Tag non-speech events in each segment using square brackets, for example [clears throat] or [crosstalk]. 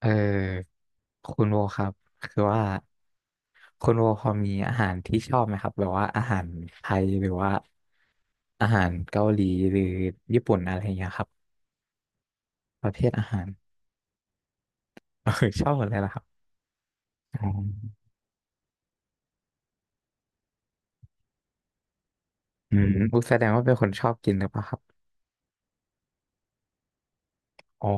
เออคุณโวครับคือว่าคุณโวพอมีอาหารที่ชอบไหมครับแบบว่าอาหารไทยหรือว่าอาหารเกาหลีหรือญี่ปุ่นอะไรอย่างเงี้ยครับประเภทอาหารเออชอบหมดเลยนะครับอ๋ออืมอุยแสดงว่าเป็นคนชอบกินหรือเปล่าครับอ๋อ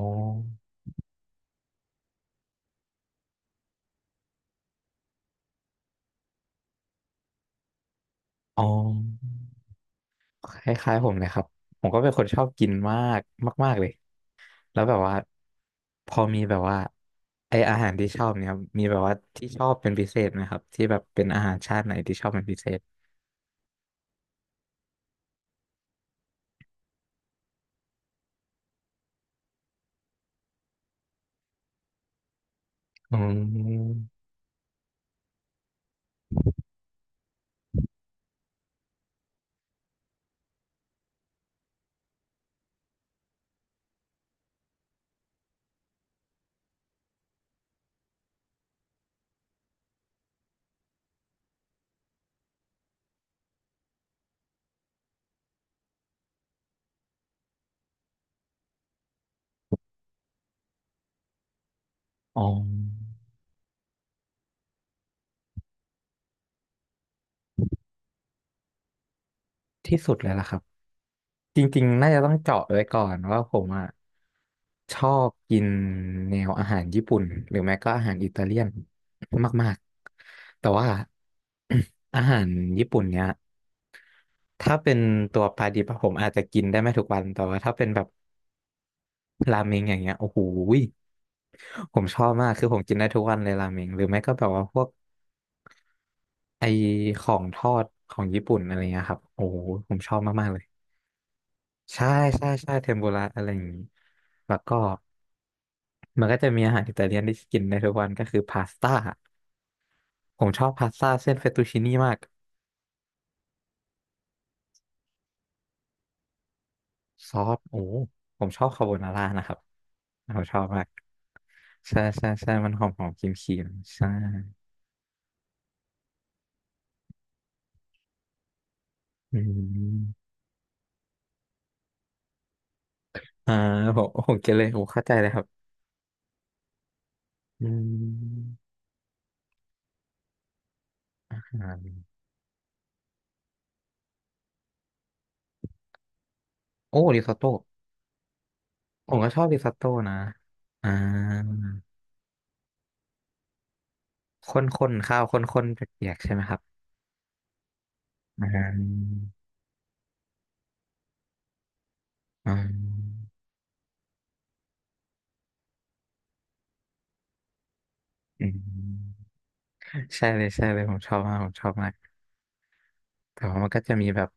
อ๋อคล้ายๆผมเลยครับผมก็เป็นคนชอบกินมากมากๆเลย แล้วแบบว่าพอมีแบบว่าอาหารที่ชอบเนี่ยครับมีแบบว่าที่ชอบเป็นพิเศษไหมครับที่แบบเป็นอาหารชาติไหนที่ชอบเป็นพิเศษอืมอ๋อที่สุดเลยล่ะครับจริงๆน่าจะต้องเจาะไว้ก่อนว่าผมอ่ะชอบกินแนวอาหารญี่ปุ่นหรือไม่ก็อาหารอิตาเลียนมากๆแต่ว่า [clears throat] [coughs] อาหารญี่ปุ่นเนี้ยถ้าเป็นตัวปลาดิบอะผมอาจจะกินได้ไม่ทุกวันแต่ว่าถ้าเป็นแบบราเมงอย่างเงี้ยโอ้โห ผมชอบมากคือผมกินได้ทุกวันเลยราเมงหรือไม่ก็แบบว่าพวกไอของทอดของญี่ปุ่นอะไรเงี้ยครับโอ้โหผมชอบมากๆเลยใช่ใช่ใช่เทมปุระอะไรอย่างนี้แล้วก็มันก็จะมีอาหารอิตาเลียนที่กินได้ทุกวันก็คือพาสต้าผมชอบพาสต้าเส้นเฟตตูชินี่มากซอสโอ้ผมชอบคาโบนาร่านะครับผมชอบมากใช่ใช่ใช่มันหอมหอมครีมครีมใช่อืมอ่าผมกินเลยผมเข้าใจเลยครับ อืมอ่าโอ้ริซอตโต้ผมก็ชอบริซอตโต้นะอ่าข้นๆข้าวข้นๆเปียกๆใช่ไหมครับอ่าอ่าอืมใช่เลยใช่เลยผมชอบมากผมชอบมากแต่ว่ามันก็จะมีแบบ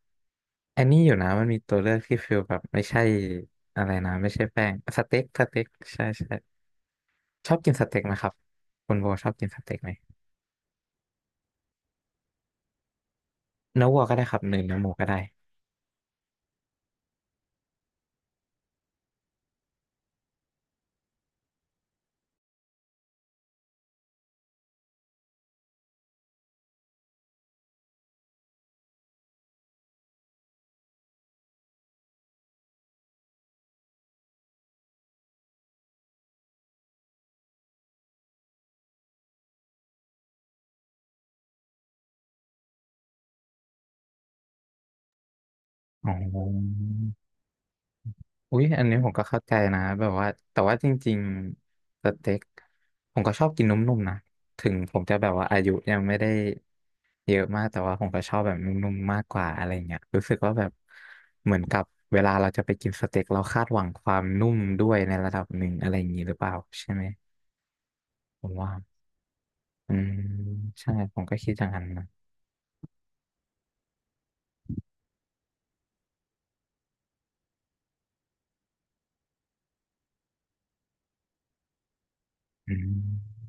อันนี้อยู่นะมันมีตัวเลือกที่ฟิลแบบไม่ใช่อะไรนะไม่ใช่แป้งสเต็กสเต็กใช่ใช่ชอบกินสเต็กไหมครับคุณโบชอบกินสเต็กไหมเนื้อวัวก็ได้ครับหรือเนื้อหมูก็ได้อ๋อ อุ๊ยอันนี้ผมก็เข้าใจนะแบบว่าแต่ว่าจริงๆสเต็กผมก็ชอบกินนุ่มๆนะถึงผมจะแบบว่าอายุยังไม่ได้เยอะมากแต่ว่าผมก็ชอบแบบนุ่มๆมากกว่าอะไรเงี้ยรู้สึกว่าแบบเหมือนกับเวลาเราจะไปกินสเต็กเราคาดหวังความนุ่มด้วยในระดับหนึ่งอะไรอย่างนี้หรือเปล่าใช่ไหมผมว่าอืมใช่ผมก็คิดอย่างนั้นนะอืม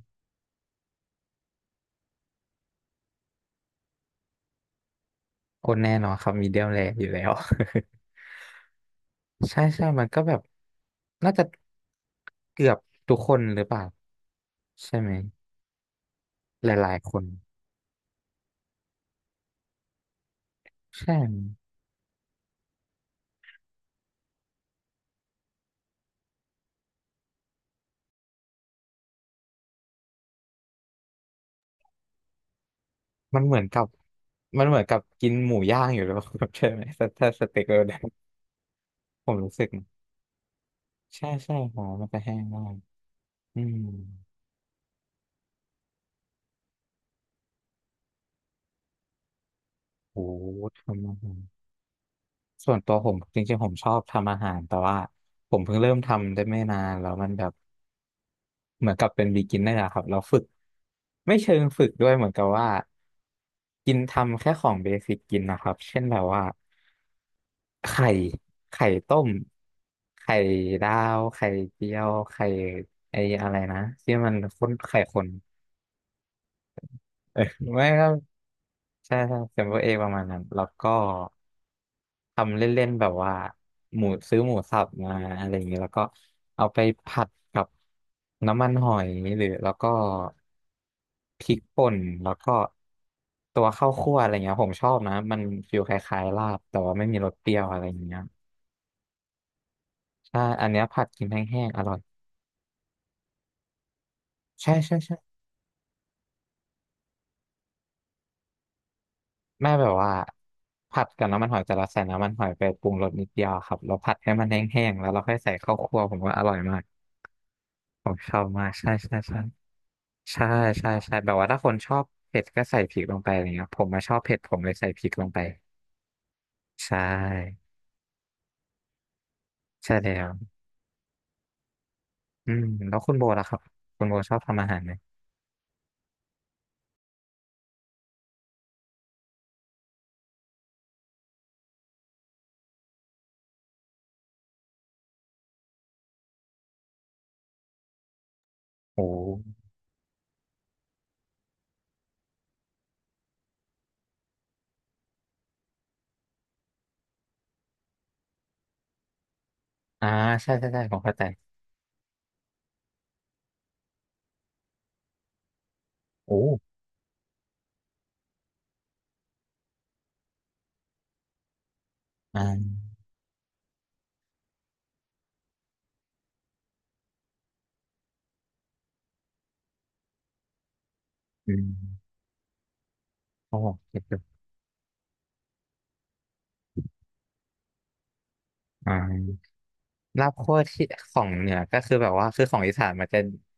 โอ้แน่นอนครับมีเดียมแรอยู่แล้ว ใช่ใช่ มันก็แบบน่าจะเกือบทุกคนหรือเปล่าใช่ไหมหลายๆคนใช่มันเหมือนกับมันเหมือนกับกินหมูย่างอยู่หรือเปล่า [laughs] ใช่ไหมถ้าสเต็กเราเนี่ยผมรู้สึกนะใช่ใช่หอมมันจะแห้งมากอืมโหทำอาหารส่วนตัวผมจริงๆผมชอบทำอาหารแต่ว่าผมเพิ่งเริ่มทำได้ไม่นานแล้วมันแบบ เหมือนกับเป็น beginner อะครับเราฝึกไม่เชิงฝึกด้วยเหมือนกับว่ากินทำแค่ของเบสิกกินนะครับเช่นแบบว่าไข่ไข่ต้มไข่ดาวไข่เจียวไข่ไอ้อะไรนะที่มันข้นไข่คนเออไม่ครับ ใช่ใช่เซมเบอร์เอประมาณนั้นแล้วก็ทำเล่นๆแบบว่าหมูซื้อหมูสับมาอะไรอย่างเงี้ยแล้วก็เอาไปผัดกับน้ำมันหอยหรือแล้วก็พริกป่นแล้วก็ตัวข้าวคั่วอะไรเงี้ยผมชอบนะมันฟีลคล้ายๆลาบแต่ว่าไม่มีรสเปรี้ยวอะไรอย่างเงี้ยใช่อันเนี้ยผัดกินแห้งๆอร่อยใช่ใช่ใช่แม่แบบว่าผัดกับน้ำมันหอยแต่เราใส่น้ำมันหอยไปปรุงรสนิดเดียวครับแล้วผัดให้มันแห้งๆแล้วเราค่อยใส่ข้าวคั่วผมว่าอร่อยมาก ผมชอบมากใช่ใช่ใช่ใช่ใช่ใช่แบบว่าถ้าคนชอบเผ็ดก็ใส่พริกลงไปอะไรเงี้ยผมมาชอบเผ็ดผมเลยใส่พริกลงไปใช่ใช่แล้วอืมแล้วคุณโบล่ะครับคุณโบชอบทำอาหารไหมโอ้อ่าใช่ใช่ใช่ผมเข้าใจโอ้อ่าอืมโอ้เก็บอยู่อ่าลาบคั่วที่ของเหนือก็คือแบบว่าคือของอีสานมันจะ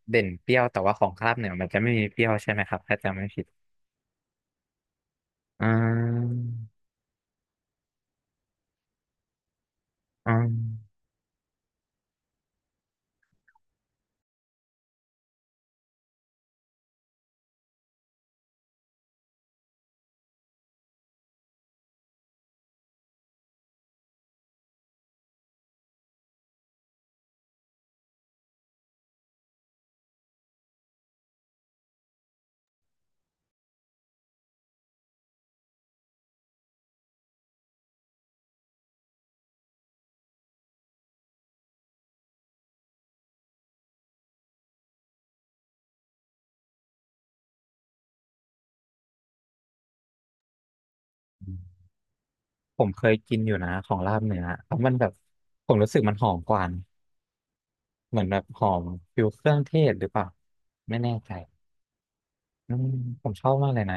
เด่นเปรี้ยวแต่ว่าของลาบเหนือมันจะไม่มีเปรี้ยวใช่ไหมครับถ้าจำไม่ผิดอ่าอ่า ผมเคยกินอยู่นะของลาบเนื้อเพราะมันแบบผมรู้สึกมันหอมกว่าเหมือนแบบหอมฟิวเครื่องเทศหรือเปล่าไม่แน่ใจอืมผมชอบมากเลยนะ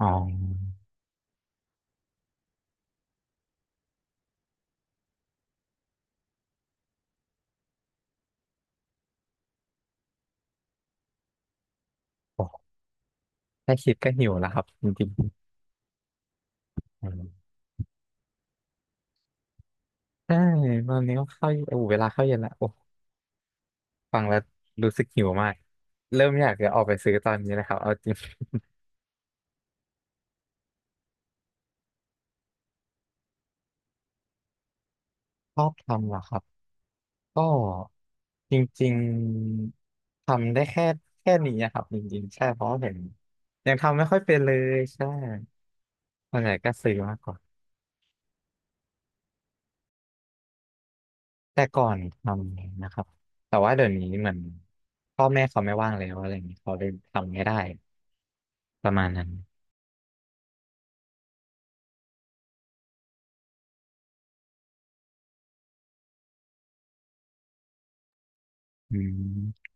อ๋อโอ้แค่คิดก็หิวแล้วครับจริงๆอืมใช่ตอนนี้ก็เข้าโอ้เวลาเข้าเย็นละโอ้ฟังแล้วรู้สึกหิวมากเริ่มอยากจะออกไปซื้อตอนนี้นะครับเอาจริง [laughs] ชอบทำเหรอครับ ก็จริงๆทำได้แค่นี้อะครับจริงๆใช่เพราะว่าผมยังทำไม่ค่อยเป็นเลยใช่ส่วนใหญ่ก็ซื้อมากกว่าแต่ก่อนทำนะครับแต่ว่าเดี๋ยวนี้เหมือนพ่อแม่เขาไม่ว่างแล้วอะไรอย่างนี้เขาเลยทำไม่ได้ประมาณนั้นอืม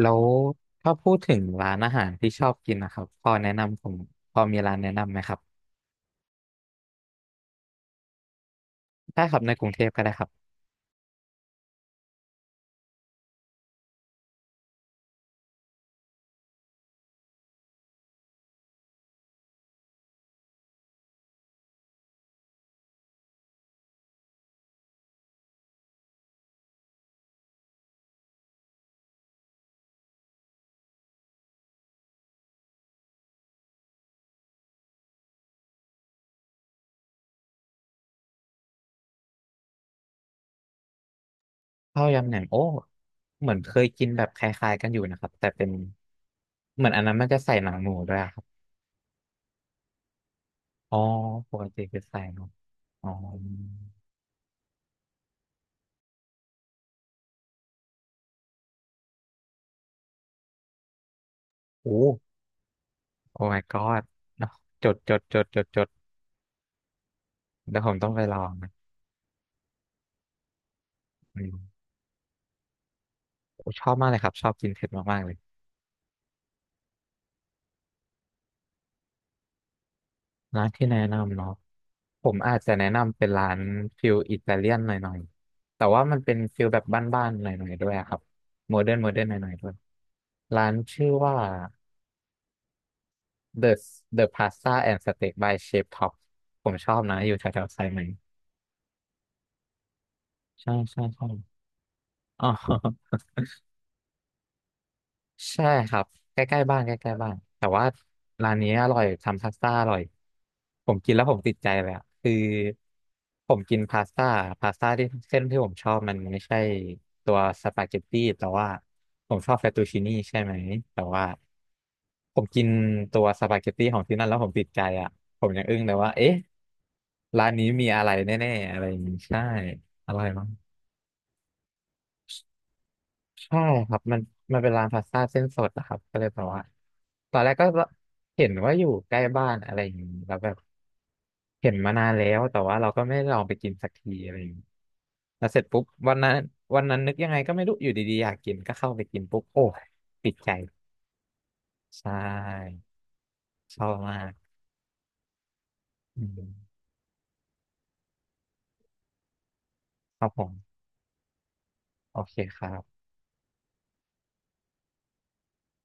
แล้วถ้าพูดถึงร้านอาหารที่ชอบกินนะครับพอแนะนำผมพอมีร้านแนะนำไหมครับได้ครับในกรุงเทพก็ได้ครับ ข้าวยำแหนมโอ้เหมือนเคยกินแบบคล้ายๆกันอยู่นะครับแต่เป็นเหมือนอันนั้นมันจะใส่หนังหมูด้วยอะครับอ๋อปกติคือใส่เนอะอ๋อโอ้โอ้ my god เนอะจดจดจดจดจดเดี๋ยวผมต้องไปลองนะอืมโอ้ชอบมากเลยครับชอบกินเผ็ดมากๆเลยร้านที่แนะนำเนาะผมอาจจะแนะนำเป็นร้านฟิลอิตาเลียนหน่อยๆแต่ว่ามันเป็นฟิลแบบบ้านๆหน่อยๆด้วยอะครับโมเดิร์นโมเดิร์นหน่อยๆด้วยร้านชื่อว่า The The Pasta and Steak by Chef Top ผมชอบนะอยู่แถวๆสายไหมใช่ใช่ใช่อ๋อ ใช่ครับใกล้ๆบ้านใกล้ๆบ้านแต่ว่าร้านนี้อร่อยทำพาสต้าอร่อยผมกินแล้วผมติดใจเลยอะคือผมกินพาสต้าที่เส้นที่ผมชอบมันไม่ใช่ตัวสปาเกตตี้แต่ว่าผมชอบเฟตตูชินี่ใช่ไหมแต่ว่าผมกินตัวสปาเกตตี้ของที่นั่นแล้วผมติดใจอ่ะผมยังอึ้งเลยว่าเอ๊ะร้านนี้มีอะไรแน่ๆอะไรอย่างนี้ใช่อร่อย ใช่ครับมันเป็นร้านพาสต้าเส้นสดนะครับก็เลยแบบว่าตอนแรกก็เห็นว่าอยู่ใกล้บ้านอะไรอย่างนี้แล้วแบบเห็นมานานแล้วแต่ว่าเราก็ไม่ได้ลองไปกินสักทีอะไรอย่างนี้แล้วเสร็จปุ๊บวันนั้นวันนั้นนึกยังไงก็ไม่รู้อยู่ดีๆอยากกินก็เข้าไปกินปุ๊บโอ้ยติดใจใช่ชอบมากอืมครับผมโอเคครับ